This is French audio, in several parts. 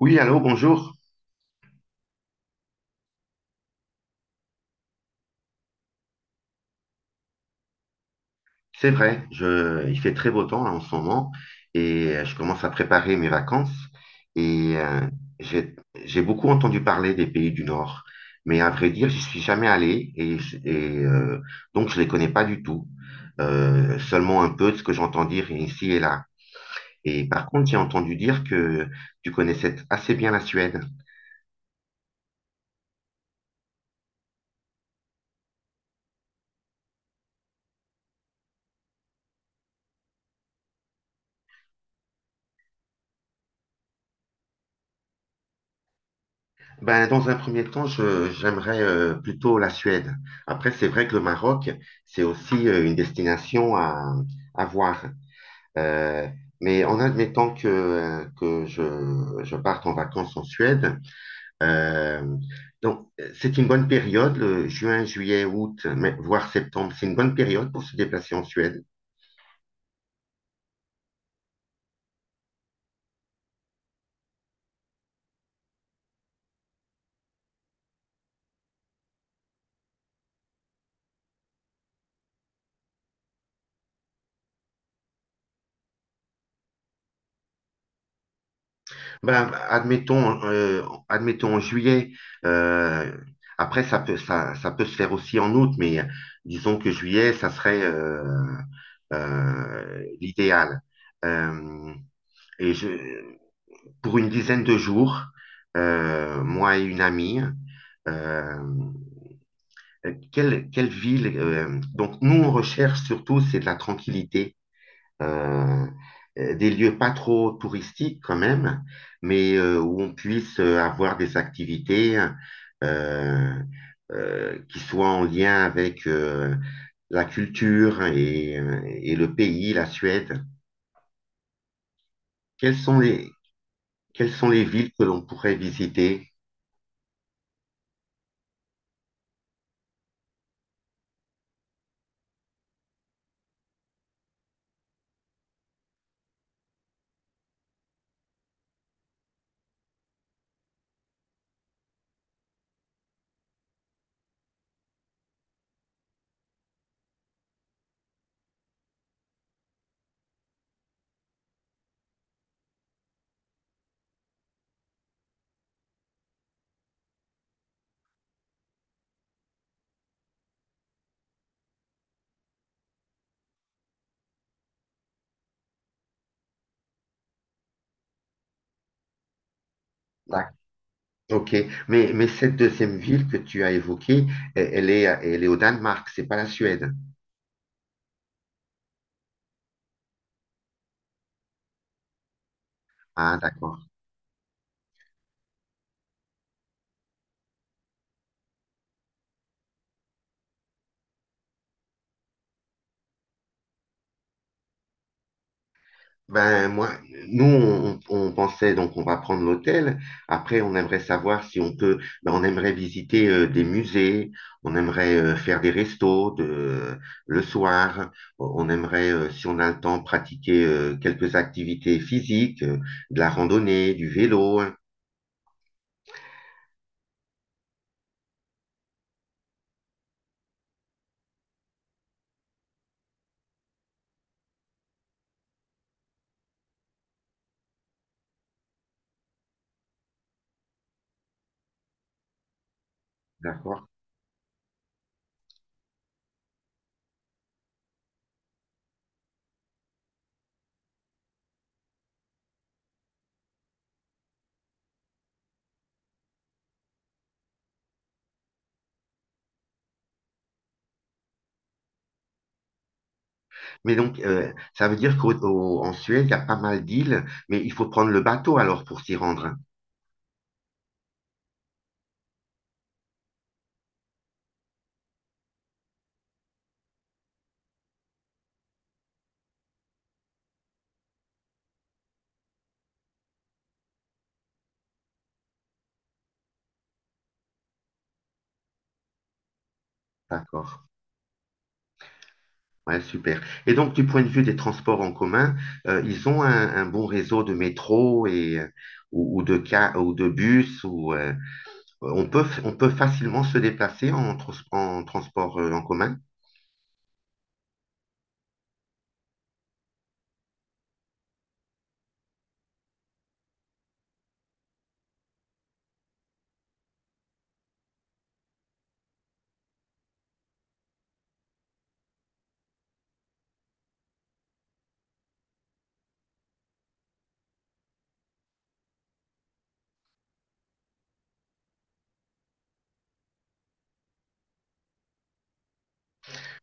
Oui, allô, bonjour. C'est vrai, il fait très beau temps là, en ce moment et je commence à préparer mes vacances et j'ai, j'ai beaucoup entendu parler des pays du Nord, mais à vrai dire, j'y suis jamais allé et, donc je les connais pas du tout. Seulement un peu de ce que j'entends dire ici et là. Et par contre, j'ai entendu dire que tu connaissais assez bien la Suède. Ben, dans un premier temps, j'aimerais plutôt la Suède. Après, c'est vrai que le Maroc, c'est aussi une destination à voir. Euh, mais en admettant que, que je parte en vacances en Suède, euh, donc, c'est une bonne période, le juin, juillet, août, voire septembre, c'est une bonne période pour se déplacer en Suède. Ben, admettons en juillet. euh, Après, ça peut se faire aussi en août, mais disons que juillet, ça serait l'idéal. Euh, et pour une dizaine de jours, moi et une amie, euh, quelle ville donc nous, on recherche surtout, c'est de la tranquillité euh, des lieux pas trop touristiques quand même, mais où on puisse avoir des activités euh, qui soient en lien avec la culture et le pays, la Suède. Quelles sont les, quelles sont les villes que l'on pourrait visiter? D'ac- Ok, mais cette deuxième ville que tu as évoquée, elle est au Danemark, c'est pas la Suède. Ah, d'accord. Ben, nous, on pensait donc on va prendre l'hôtel. Après, on aimerait savoir si on peut. Ben, on aimerait visiter des musées. On aimerait faire des restos le soir. On aimerait, si on a le temps, pratiquer quelques activités physiques, de la randonnée, du vélo, hein. D'accord. Mais donc, ça veut dire qu'en Suède, il y a pas mal d'îles, mais il faut prendre le bateau alors pour s'y rendre, hein. D'accord. Ouais, super. Et donc, du point de vue des transports en commun, ils ont un bon réseau de métro et, ou de bus, on peut facilement se déplacer en transport en commun.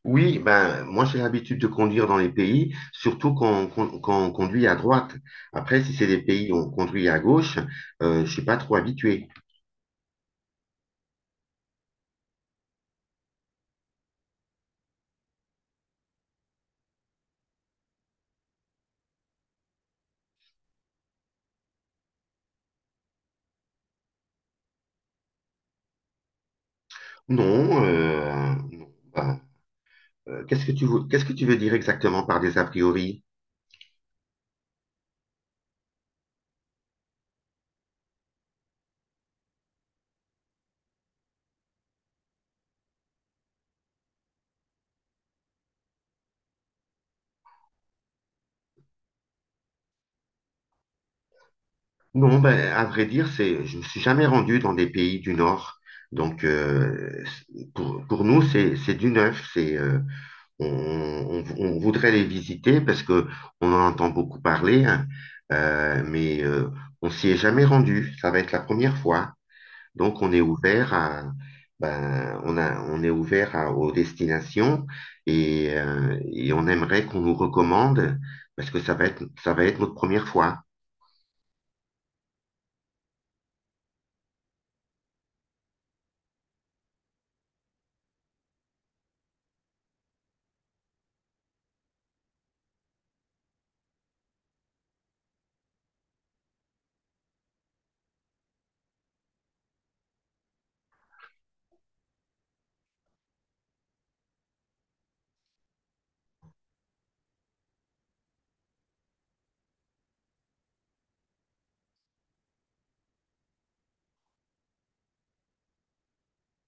Oui, ben, moi, j'ai l'habitude de conduire dans les pays, surtout quand on conduit à droite. Après, si c'est des pays où on conduit à gauche, je suis pas trop habitué. Non, non, ben, qu'est-ce que tu veux dire exactement par des a priori? Non, ben, à vrai dire, je ne me suis jamais rendu dans des pays du Nord. Donc, pour nous, c'est du neuf. On voudrait les visiter parce que on en entend beaucoup parler, hein. Mais on s'y est jamais rendu. Ça va être la première fois. Donc, on est ouvert à, ben, on a, on est ouvert à- aux destinations et on aimerait qu'on nous recommande parce que ça va être notre première fois.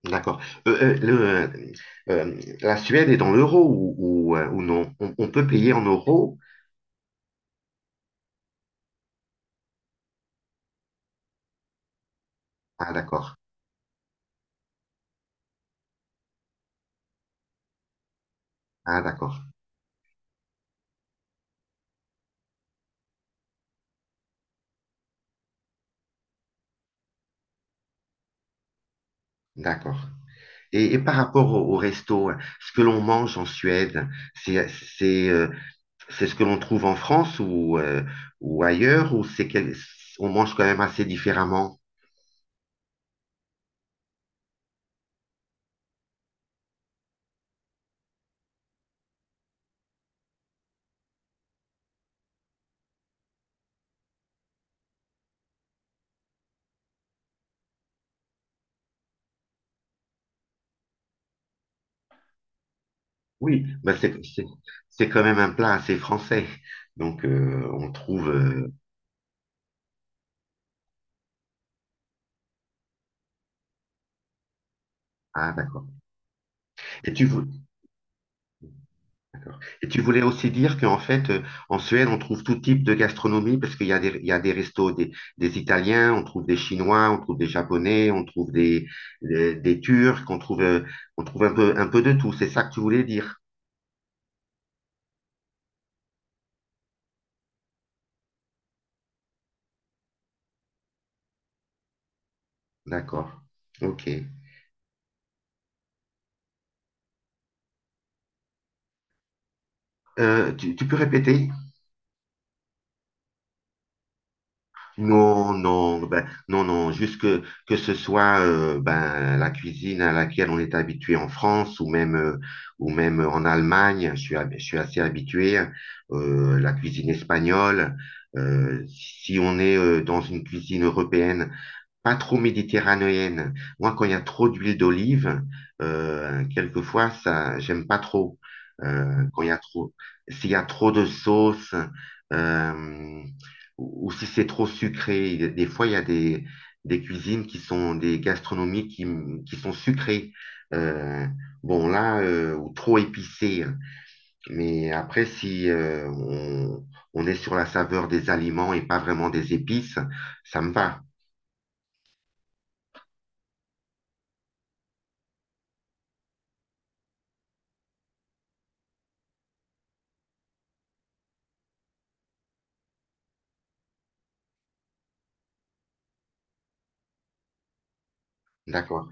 D'accord. Euh, euh, le, euh, la Suède est dans l'euro ou non? On peut payer en euros? Ah, d'accord. Ah, d'accord. D'accord. Et par rapport au resto, hein, ce que l'on mange en Suède, c'est, c'est, euh, c'est ce que l'on trouve en France ou ailleurs, ou on mange quand même assez différemment? Oui, ben c'est quand même un plat assez français. Donc, on trouve. Ah, d'accord. Et tu, vou- D'accord. Et tu voulais aussi dire qu'en fait, en Suède, on trouve tout type de gastronomie parce qu'il y a des restos des, Italiens, on trouve des Chinois, on trouve des Japonais, on trouve des Turcs, on trouve un peu de tout. C'est ça que tu voulais dire. D'accord. OK. Tu peux répéter? Non, non, ben, non, non, juste que ce soit ben, la cuisine à laquelle on est habitué en France ou même en Allemagne, je suis assez habitué, la cuisine espagnole, si on est dans une cuisine européenne pas trop méditerranéenne. Moi, quand il y a trop d'huile d'olive, quelquefois, ça, j'aime pas trop. Quand il y a s'il y a trop de sauce, euh, ou si c'est trop sucré. Des fois, il y a des cuisines qui sont des gastronomies qui sont sucrées. Euh, bon, là, ou trop épicées. Mais après, si on est sur la saveur des aliments et pas vraiment des épices, ça me va. D'accord.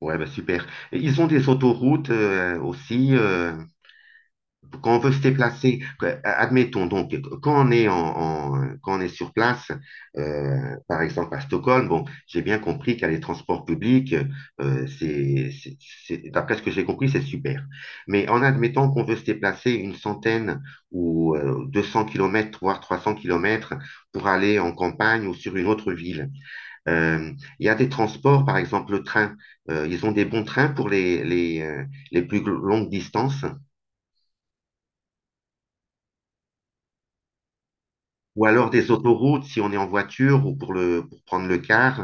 Ouais, bah super. Et ils ont des autoroutes aussi quand on veut se déplacer. Admettons donc quand on est quand on est sur place, par exemple à Stockholm. Bon, j'ai bien compris qu'à les transports publics, euh, c'est, c'est- d'après ce que j'ai compris, c'est super. Mais en admettant qu'on veut se déplacer une centaine ou 200 kilomètres, voire 300 kilomètres pour aller en campagne ou sur une autre ville. Euh, il y a des transports, par exemple le train. Ils ont des bons trains pour les plus longues distances, ou alors des autoroutes si on est en voiture ou pour pour prendre le car.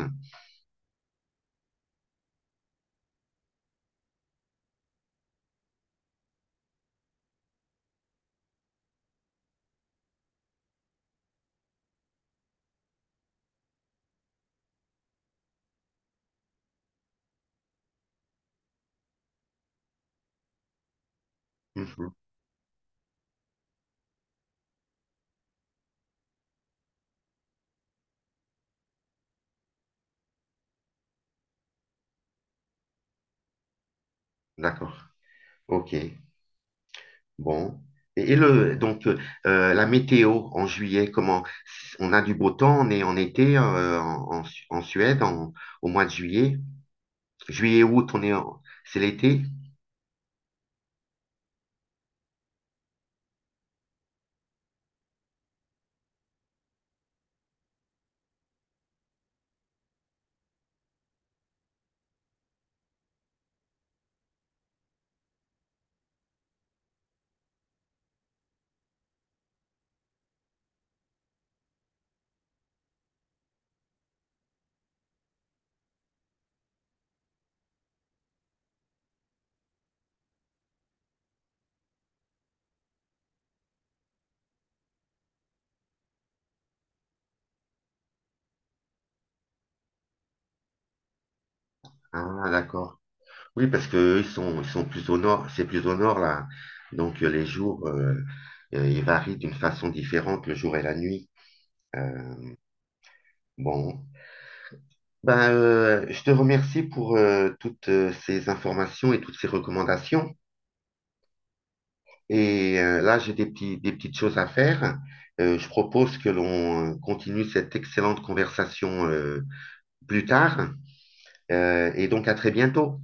Mhm. D'accord. OK. Bon. Donc, la météo en juillet, comment? On a du beau temps, on est en été en Suède au mois de juillet. Juillet, août, c'est l'été? Ah, d'accord. Oui, parce que eux, ils sont plus au nord, c'est plus au nord là. Donc les jours, ils varient d'une façon différente le jour et la nuit. Euh, bon, ben, je te remercie pour toutes ces informations et toutes ces recommandations. Et là, j'ai des petites choses à faire. Je propose que l'on continue cette excellente conversation plus tard. Et donc à très bientôt.